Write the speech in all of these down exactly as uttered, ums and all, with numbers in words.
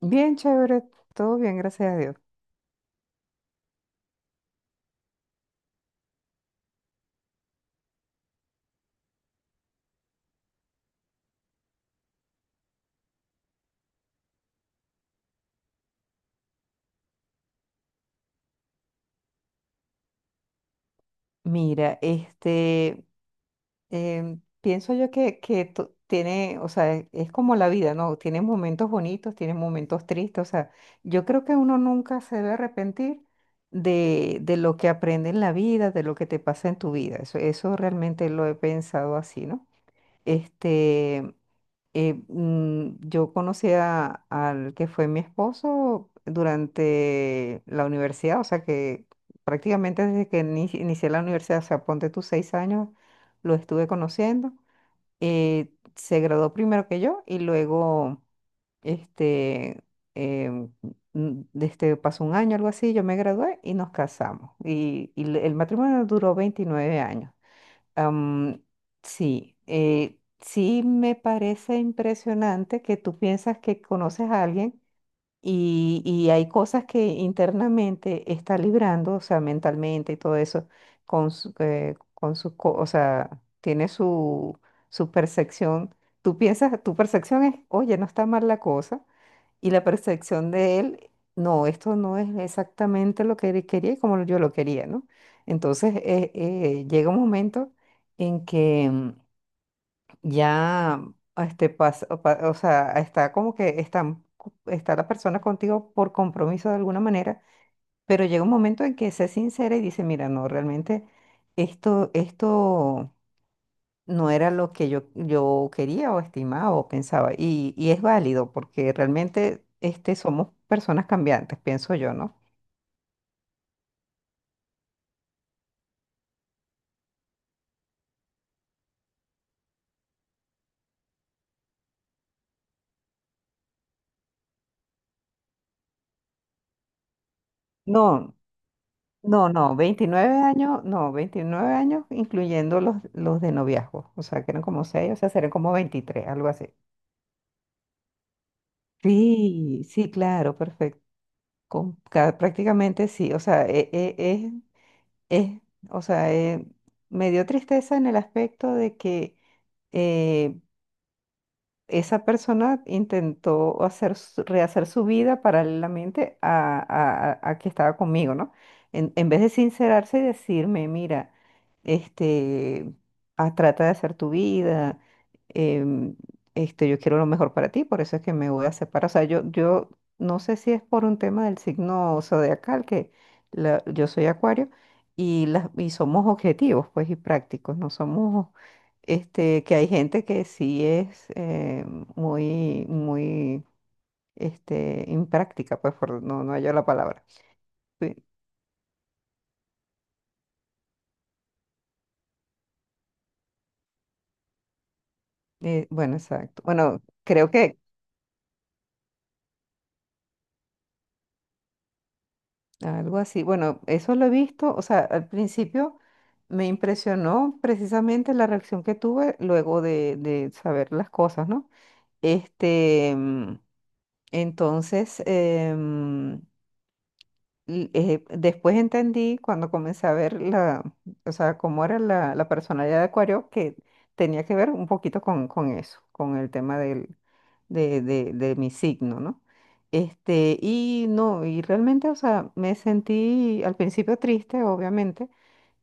Bien, chévere, todo bien, gracias a Dios. Mira, este, em, pienso yo que, que to- tiene, o sea, e- es como la vida, ¿no? Tiene momentos bonitos, tiene momentos tristes, o sea, yo creo que uno nunca se debe arrepentir de, de lo que aprende en la vida, de lo que te pasa en tu vida, eso, eso realmente lo he pensado así, ¿no? Este, eh, mm, yo conocí a- al que fue mi esposo durante la universidad, o sea que prácticamente desde que inici- inicié la universidad, o sea, ponte tus seis años, lo estuve conociendo. Eh, se graduó primero que yo y luego, este, em, mm, este, pasó un año, algo así, yo me gradué y nos casamos. Y, y el el matrimonio duró veintinueve años. Am, sí, eh, sí me parece impresionante que tú piensas que conoces a alguien y, y hay cosas que internamente está librando, o sea, mentalmente y todo eso, con su, eh, con sus co- o sea, tiene su, su percepción. Tú piensas, tu percepción es, oye, no está mal la cosa, y la percepción de él, no, esto no es exactamente lo que él quería y como yo lo quería, ¿no? Entonces eh, eh, llega un momento en que mm, ya este pasa, o pa- o sea, está como que están co- está la persona contigo por compromiso de alguna manera, pero llega un momento en que se sincera y dice, mira, no, realmente esto, esto no era lo que yo, yo quería o estimaba o pensaba. Y, y es válido porque realmente este, somos personas cambiantes, pienso yo, ¿no? No, no, no, veintinueve años, no, veintinueve años incluyendo los, los de noviazgo, o sea, que eran como seis, o sea, serían como veintitrés, algo así. Sí, sí, claro, perfecto. Con ca- prácticamente sí, o sea, e- e- es, es, o sea, eh, me dio tristeza en el aspecto de que eh, esa persona intentó hacer, su- rehacer su vida paralelamente a, a- a- a que estaba conmigo, ¿no? En, en vez de sincerarse y decirme, mira, este, ah, trata de hacer tu vida, em, este, yo quiero lo mejor para ti, por eso es que me voy a separar. O sea, yo, yo no sé si es por un tema del signo zodiacal, que la- yo soy acuario, y, las, y somos objetivos, pues, y prácticos, no somos este, que hay gente que sí es eh, muy, muy este, impráctica, pues, por no, no hallo la palabra. Sí, eh, bueno, exacto. Bueno, creo que algo así. Bueno, eso lo he visto. O sea, al principio me impresionó precisamente la reacción que tuve luego de, de saber las cosas, ¿no? Este, mm, entonces, em, Y eh, después entendí cuando comencé a ver la, o sea, cómo era la, la personalidad de Acuario, que tenía que ver un poquito con, con eso, con el tema del, de, de, de mi signo, ¿no? Este, y no, y realmente, o sea, me sentí al principio triste, obviamente,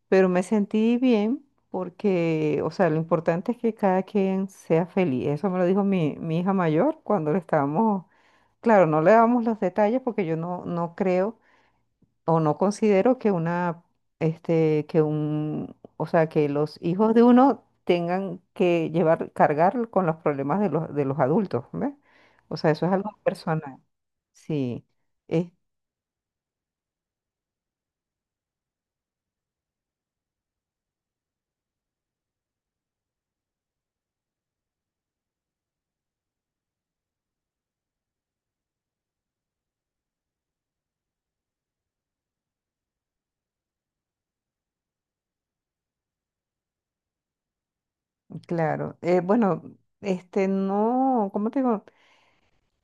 pero me sentí bien porque, o sea, lo importante es que cada quien sea feliz. Eso me lo dijo mi, mi hija mayor cuando le estábamos, claro, no le dábamos los detalles porque yo no, no creo o no considero que una, este, que un, o sea, que los hijos de uno tengan que llevar, cargar con los problemas de los, de los adultos, ¿ves? O sea, eso es algo personal. Sí, eh, claro. Eh, bueno, este, no, ¿cómo te digo?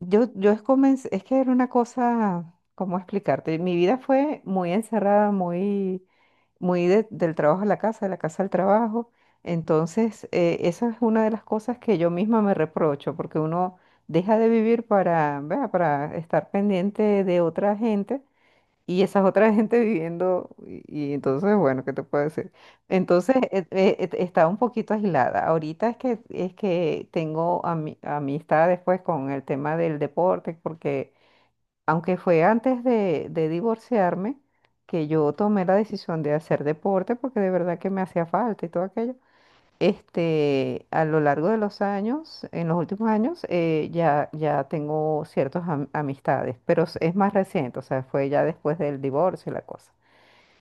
Yo, yo es, comencé, es que era una cosa, ¿cómo explicarte? Mi vida fue muy encerrada, muy muy de- del trabajo a la casa, de la casa al trabajo. Entonces, eh, esa es una de las cosas que yo misma me reprocho, porque uno deja de vivir para, vea, para estar pendiente de otra gente y esas otras gente viviendo, y, y entonces, bueno, ¿qué te puedo decir? Entonces, eh, eh, eh, estaba un poquito aislada. Ahorita es que, es que tengo ami- amistad después con el tema del deporte, porque aunque fue antes de, de divorciarme, que yo tomé la decisión de hacer deporte porque de verdad que me hacía falta y todo aquello. Este, a lo largo de los años, en los últimos años, eh, ya, ya tengo ciertas am- amistades, pero es es más reciente, o sea, fue ya después del divorcio y la cosa.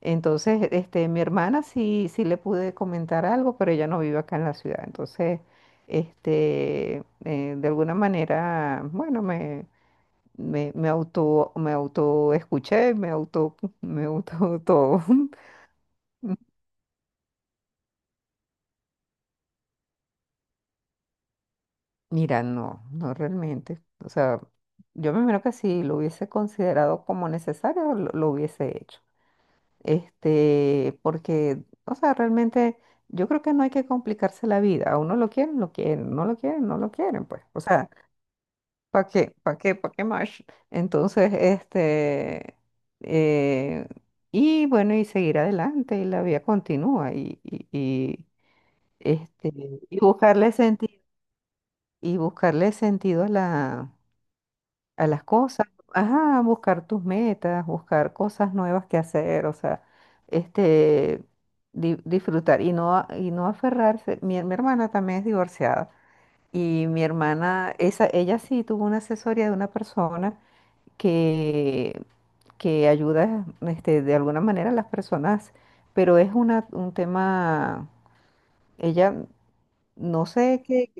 Entonces, este, mi hermana sí, sí le pude comentar algo, pero ella no vive acá en la ciudad. Entonces, este, eh, de alguna manera, bueno, me, me auto, me auto escuché, me auto, me auto todo. Mira, no, no realmente. O sea, yo me imagino que si lo hubiese considerado como necesario, lo, lo hubiese hecho. Este, porque, o sea, realmente yo creo que no hay que complicarse la vida. A uno lo quieren, lo quieren, no lo quieren, no lo quieren, pues. O sea, ¿para qué? ¿Para qué? ¿Para qué más? Entonces, este, eh, y bueno, y seguir adelante, y la vida continúa, y, y, y, este, y buscarle sentido, y buscarle sentido a la, a las cosas, ajá, buscar tus metas, buscar cosas nuevas que hacer, o sea, este, di- disfrutar, y no, a- y no aferrarse, mi, mi hermana también es divorciada, y mi hermana, esa, ella sí tuvo una asesoría de una persona, que, que ayuda este, de alguna manera a las personas, pero es una, un tema, ella no sé qué,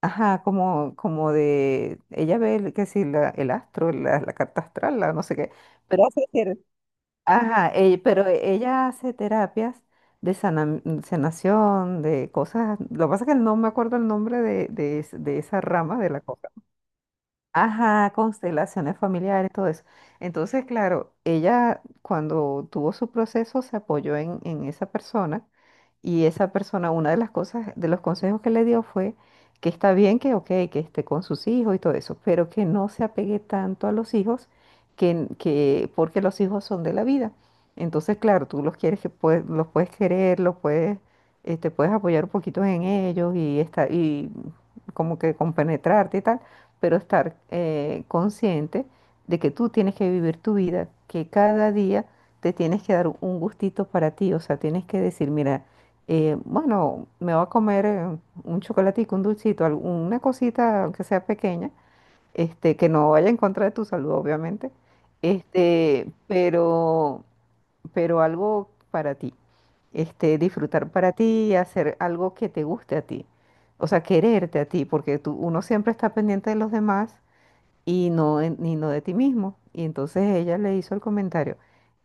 ajá, como, como de, ella ve el- que si la- el astro, la, la carta astral, la no sé qué, pero hace, ter- ajá, e- pero ella hace terapias de sana- sanación, de cosas, lo que pasa es que no me acuerdo el nombre de, de es- de esa rama de la cosa. Ajá, constelaciones familiares, todo eso. Entonces, claro, ella cuando tuvo su proceso se apoyó en, en esa persona y esa persona, una de las cosas, de los consejos que le dio fue que está bien que, ok, que esté con sus hijos y todo eso, pero que no se apegue tanto a los hijos que, que porque los hijos son de la vida. Entonces, claro, tú los quieres que puedes, los puedes querer, los puedes, eh, te puedes apoyar un poquito en ellos y está, y como que compenetrarte y tal, pero estar eh, consciente de que tú tienes que vivir tu vida, que cada día te tienes que dar un gustito para ti, o sea, tienes que decir, mira, eh, bueno, me voy a comer eh, un chocolatico, un dulcito, al- una cosita, aunque sea pequeña, este, que no vaya en contra de tu salud, obviamente, este, pero, pero algo para ti, este, disfrutar para ti, hacer algo que te guste a ti. O sea, quererte a ti, porque tú, uno siempre está pendiente de los demás y no, de- y no de ti mismo. Y entonces ella le hizo el comentario,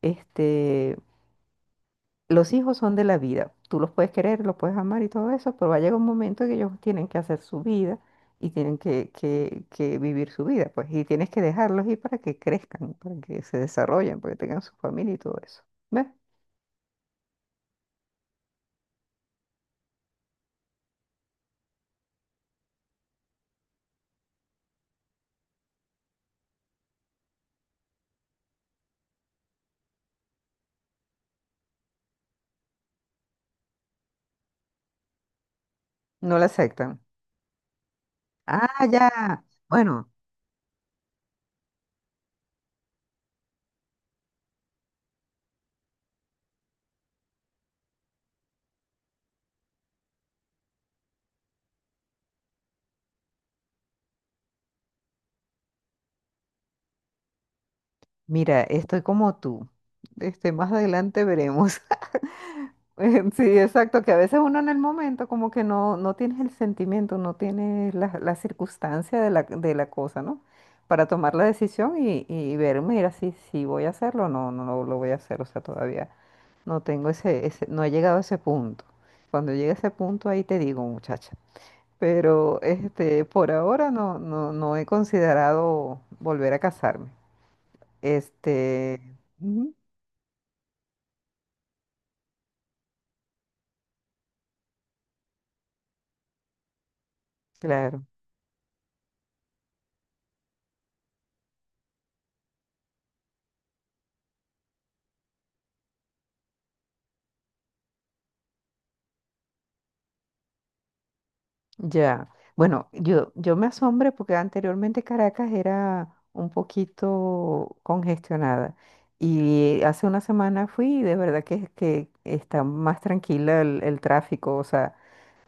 este, los hijos son de la vida, tú los puedes querer, los puedes amar y todo eso, pero va a llegar un momento que ellos tienen que hacer su vida y tienen que, que, que vivir su vida, pues, y tienes que dejarlos ir para que crezcan, para que se desarrollen, para que tengan su familia y todo eso. ¿Ves? No la aceptan. Ah, ya. Bueno, mira, estoy como tú. Este, más adelante veremos. Sí, exacto, que a veces uno en el momento como que no, no tienes el sentimiento, no tienes la, la circunstancia de la, de la cosa, ¿no? Para tomar la decisión y, y ver, mira, si, si voy a hacerlo o no, no, no lo voy a hacer, o sea, todavía no tengo ese, ese, no he llegado a ese punto. Cuando llegue a ese punto ahí te digo, muchacha. Pero este, por ahora no, no, no he considerado volver a casarme. Este, ujú, claro. Ya, bueno, yo, yo me asombré porque anteriormente Caracas era un poquito congestionada y hace una semana fui y de verdad que, que está más tranquila el, el tráfico, o sea,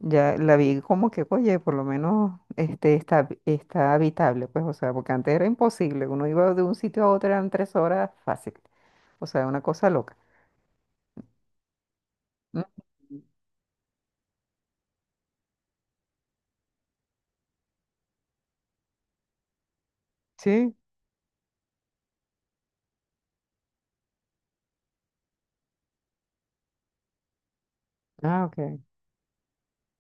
ya la vi como que, oye, por lo menos este, está, está habitable, pues, o sea, porque antes era imposible, uno iba de un sitio a otro, eran tres horas fácil, o sea, una cosa loca. Mm, Sí, ah, ok.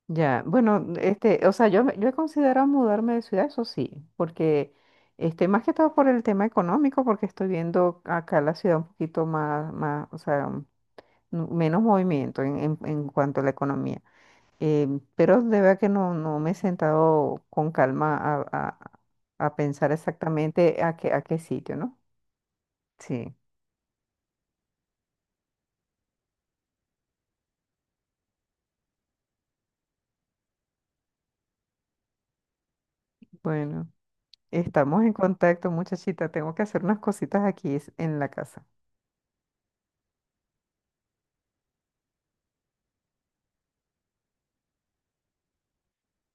Ya, bueno, este, o sea, yo, me- yo he considerado mudarme de ciudad, eso sí, porque, este, más que todo por el tema económico, porque estoy viendo acá la ciudad un poquito más, más, o sea, un- no- menos movimiento en, en, en cuanto a la economía. Eh, pero de verdad que no, no me he sentado con calma a, a, a pensar exactamente a qué, a qué sitio, ¿no? Sí, bueno, estamos en contacto, muchachita, tengo que hacer unas cositas aquí en la casa.